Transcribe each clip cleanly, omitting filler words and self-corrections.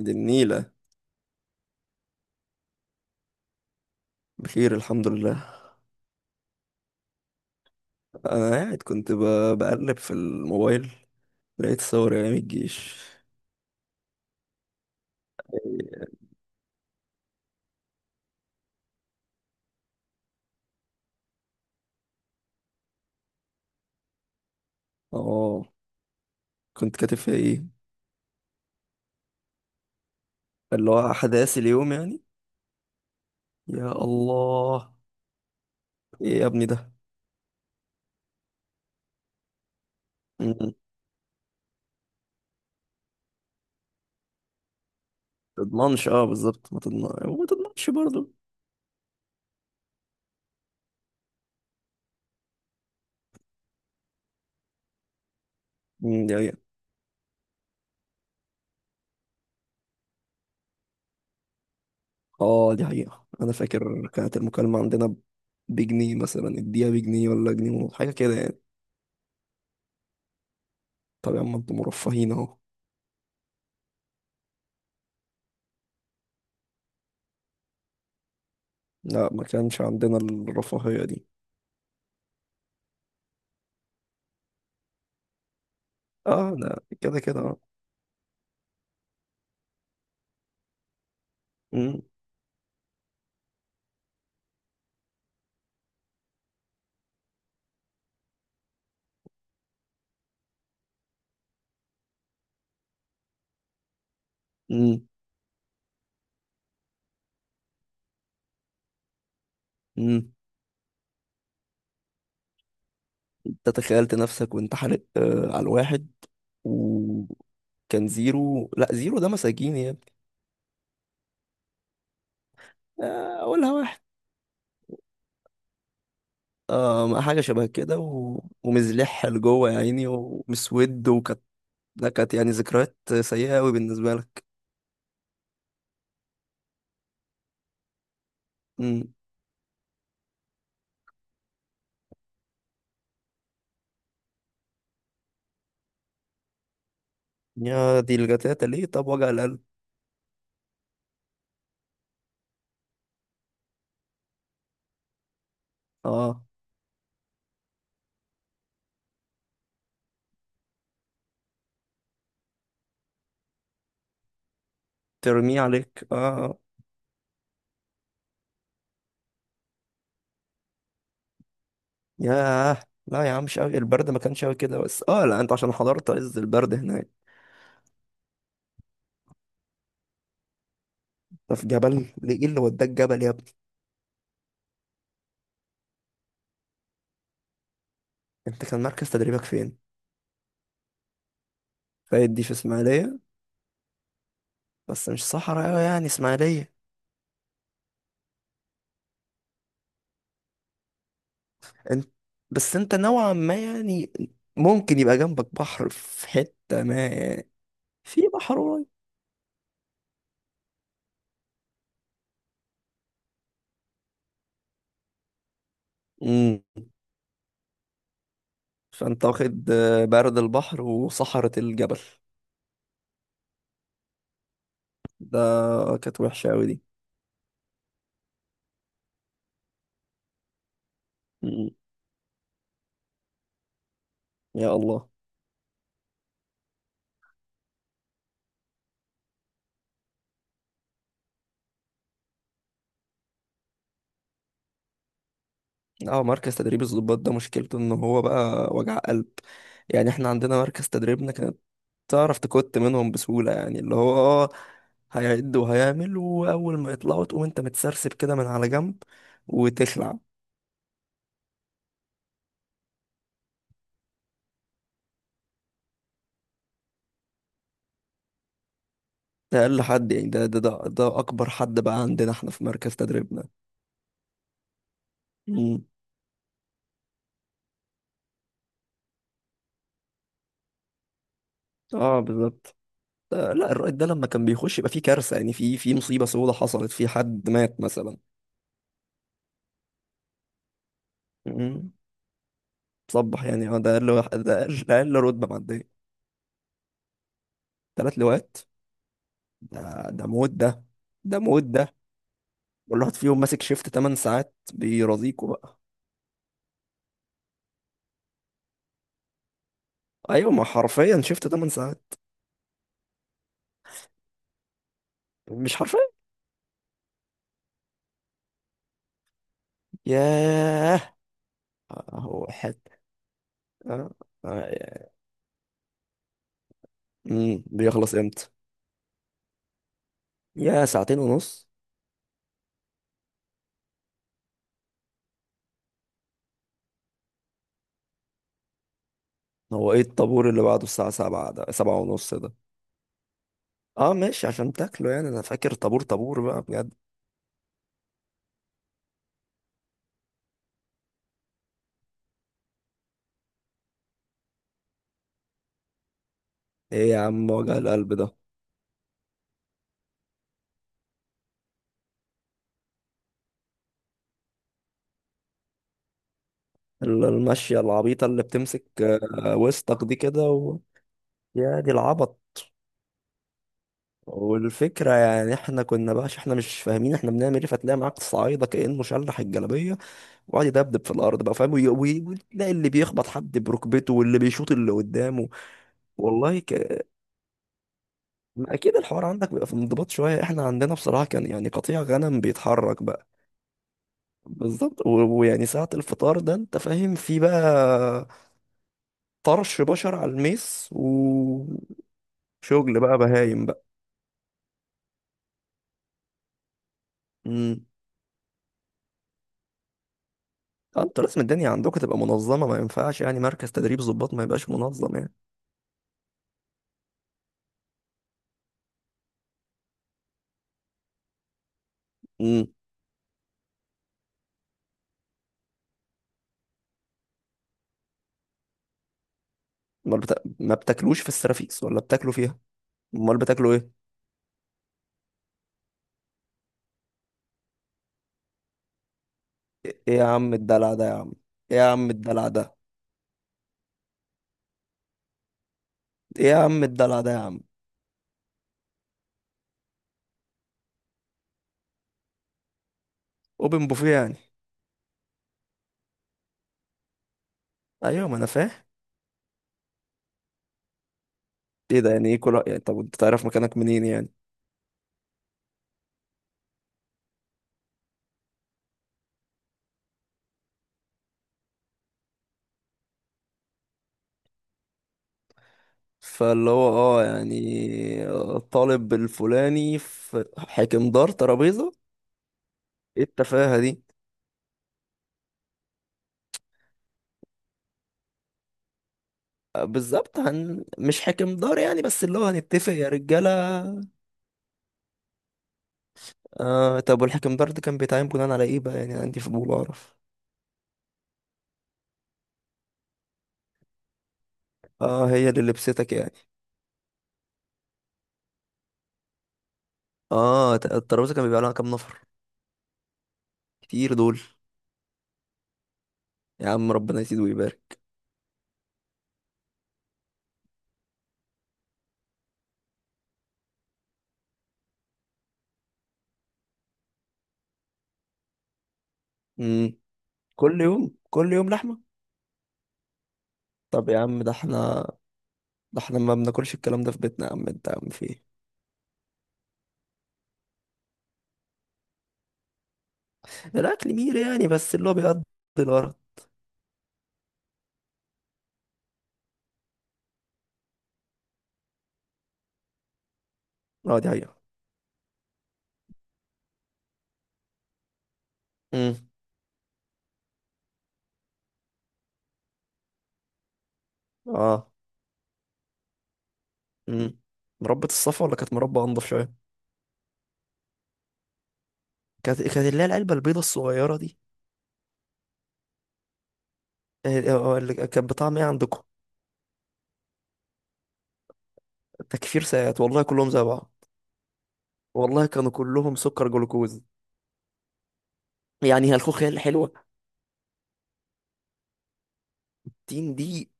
دي النيلة. بخير الحمد لله. أنا قاعد كنت بقلب في الموبايل، لقيت صور أيام الجيش. اه، كنت كاتب فيها إيه؟ اللي هو أحداث اليوم يعني. يا الله، إيه يا ابني ده؟ مم. تضمنش، اه بالظبط، ما تضمنش وما تضمنش برضه. مم، دي حقيقة. اه دي حقيقة، أنا فاكر كانت المكالمة عندنا بجنيه مثلا، اديها بجنيه ولا جنيه حاجة كده يعني. طب يا عم انتوا مرفهين اهو. لا ما كانش عندنا الرفاهية دي. اه لا كده كده. مم. مم. مم. انت تخيلت نفسك وانت حالق آه على الواحد، وكان زيرو. لا زيرو ده مساجين يا ابني. آه، اقولها واحد. آه، ما حاجه شبه كده ومزلح لجوه يا عيني ومسود، وكانت، ده كانت يعني ذكريات سيئه قوي بالنسبه لك. مم. يا دي الجتاتة ليه؟ طب وجع القلب. اه، ترميه عليك اه. ياه، لا يا عم مش قوي البرد، ما كانش قوي كده، بس اه لا انت عشان حضرت عز البرد هناك. ده في جبل ليه؟ ايه اللي وداك جبل يا؟ انت كان مركز تدريبك فين؟ فايد دي في اسماعيلية، بس مش صحراء أوي يعني اسماعيلية. انت، بس انت نوعا ما يعني ممكن يبقى جنبك بحر في حتة ما يعني. في بحر قريب. امم. فانت واخد آه، برد البحر وصحراء الجبل. ده كانت وحشة أوي دي. مم. يا الله. اه، مركز تدريب الضباط ده مشكلته ان هو بقى وجع قلب. يعني احنا عندنا مركز تدريبنا كانت، تعرف تكت منهم بسهولة يعني، اللي هو اه هيعد وهيعمل، وأول ما يطلعوا تقوم أنت متسرسب كده من على جنب وتخلع. ده أقل حد يعني؟ ده أكبر حد بقى عندنا احنا في مركز تدريبنا. مم. اه بالظبط. لا الرائد ده لما كان بيخش يبقى في كارثة يعني، في في مصيبة سودة حصلت، في حد مات مثلا. مم. تصبح يعني. اه ده أقل أقل رتبة معدية. تلات لواءات. ده ده موت ده، ده موت ده. كل واحد فيهم ماسك شيفت 8 ساعات بيرازيكوا؟ ايوه، ما حرفيا شفت 8 ساعات. مش حرفيا. ياه. هو حته. آه. آه. امم، بيخلص امتى؟ يا ساعتين ونص. هو ايه الطابور اللي بعده الساعه 7 ده؟ 7 ونص ده. اه ماشي عشان تاكله يعني، انا فاكر طابور طابور بقى بجد. ايه يا عم وجع القلب ده؟ المشيه العبيطه اللي بتمسك آه، وسطك دي كده. يا دي العبط. والفكره يعني احنا كنا بقى عشان احنا مش فاهمين احنا بنعمل ايه، فتلاقي معاك صعايده كانه شلح الجلابيه وقعد يدبدب في الارض بقى، فاهم؟ وتلاقي اللي بيخبط حد بركبته واللي بيشوط اللي قدامه. والله ك... ما اكيد الحوار عندك بيبقى في انضباط شويه، احنا عندنا بصراحه كان يعني قطيع غنم بيتحرك بقى. بالظبط. ويعني ساعه الفطار ده انت فاهم، في بقى طرش بشر على الميس وشغل بقى بهايم بقى. امم. آه، انتوا لازم الدنيا عندكم تبقى منظمه، ما ينفعش يعني مركز تدريب ضباط ما يبقاش منظم يعني. امم. امال ما بتاكلوش في السرافيس ولا بتاكلوا فيها؟ امال بتاكلوا ايه؟ ايه يا عم الدلع ده يا عم! ايه يا عم الدلع ده! ايه يا عم الدلع ده يا عم! اوبن بوفيه يعني. ايوه ما انا فاهم. ايه ده يعني؟ ايه كل يعني، طب انت تعرف مكانك منين يعني؟ فاللي هو اه يعني، الطالب الفلاني في حاكم دار ترابيزة. ايه التفاهة دي! آه، بالظبط. مش حاكم دار يعني بس، اللي هو هنتفق يا رجالة. آه طب والحاكم دار ده كان بيتعين بناء على ايه بقى؟ يعني عندي فضول اعرف. اه هي اللي لبستك يعني. اه، الترابيزة كان بيبقى لها كام نفر؟ كتير دول. يا عم ربنا يزيد ويبارك. امم. كل يوم كل يوم لحمة؟ طب يا عم، ده احنا، ده احنا ما بناكلش الكلام ده في بيتنا يا عم انت، يا عم في ايه؟ الاكل مير يعني، بس اللي هو بيقضي الغرض. اه دي حقيقة. امم. اه. امم. مربى الصفا ولا كانت مربى انضف شوية؟ كانت كانت اللي هي العلبة البيضة الصغيرة دي. اه، اه، اللي كانت بطعم ايه عندكم؟ تكفير ساعات والله كلهم زي بعض. والله كانوا كلهم سكر جلوكوز. يعني هي الخوخ هي اللي حلوة. تين دي.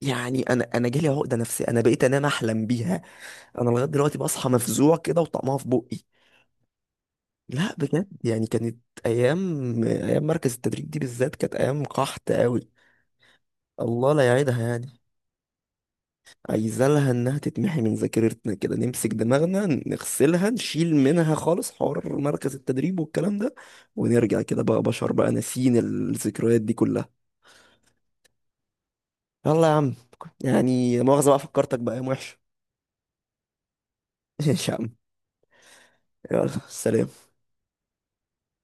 يعني انا انا جالي عقدة نفسية، انا بقيت انام احلم بيها. انا لغايه دلوقتي بصحى مفزوع كده وطعمها في بقي. لا بجد يعني كانت، ايام ايام مركز التدريب دي بالذات كانت ايام قحط قوي. الله لا يعيدها يعني. عايزة لها انها تتمحي من ذاكرتنا كده، نمسك دماغنا نغسلها، نشيل منها خالص حوار مركز التدريب والكلام ده، ونرجع كده بقى بشر بقى ناسيين الذكريات دي كلها. يلا يا عم. يعني مؤاخذة بقى فكرتك بأيام وحشة. ايش يا عم. يلا سلام.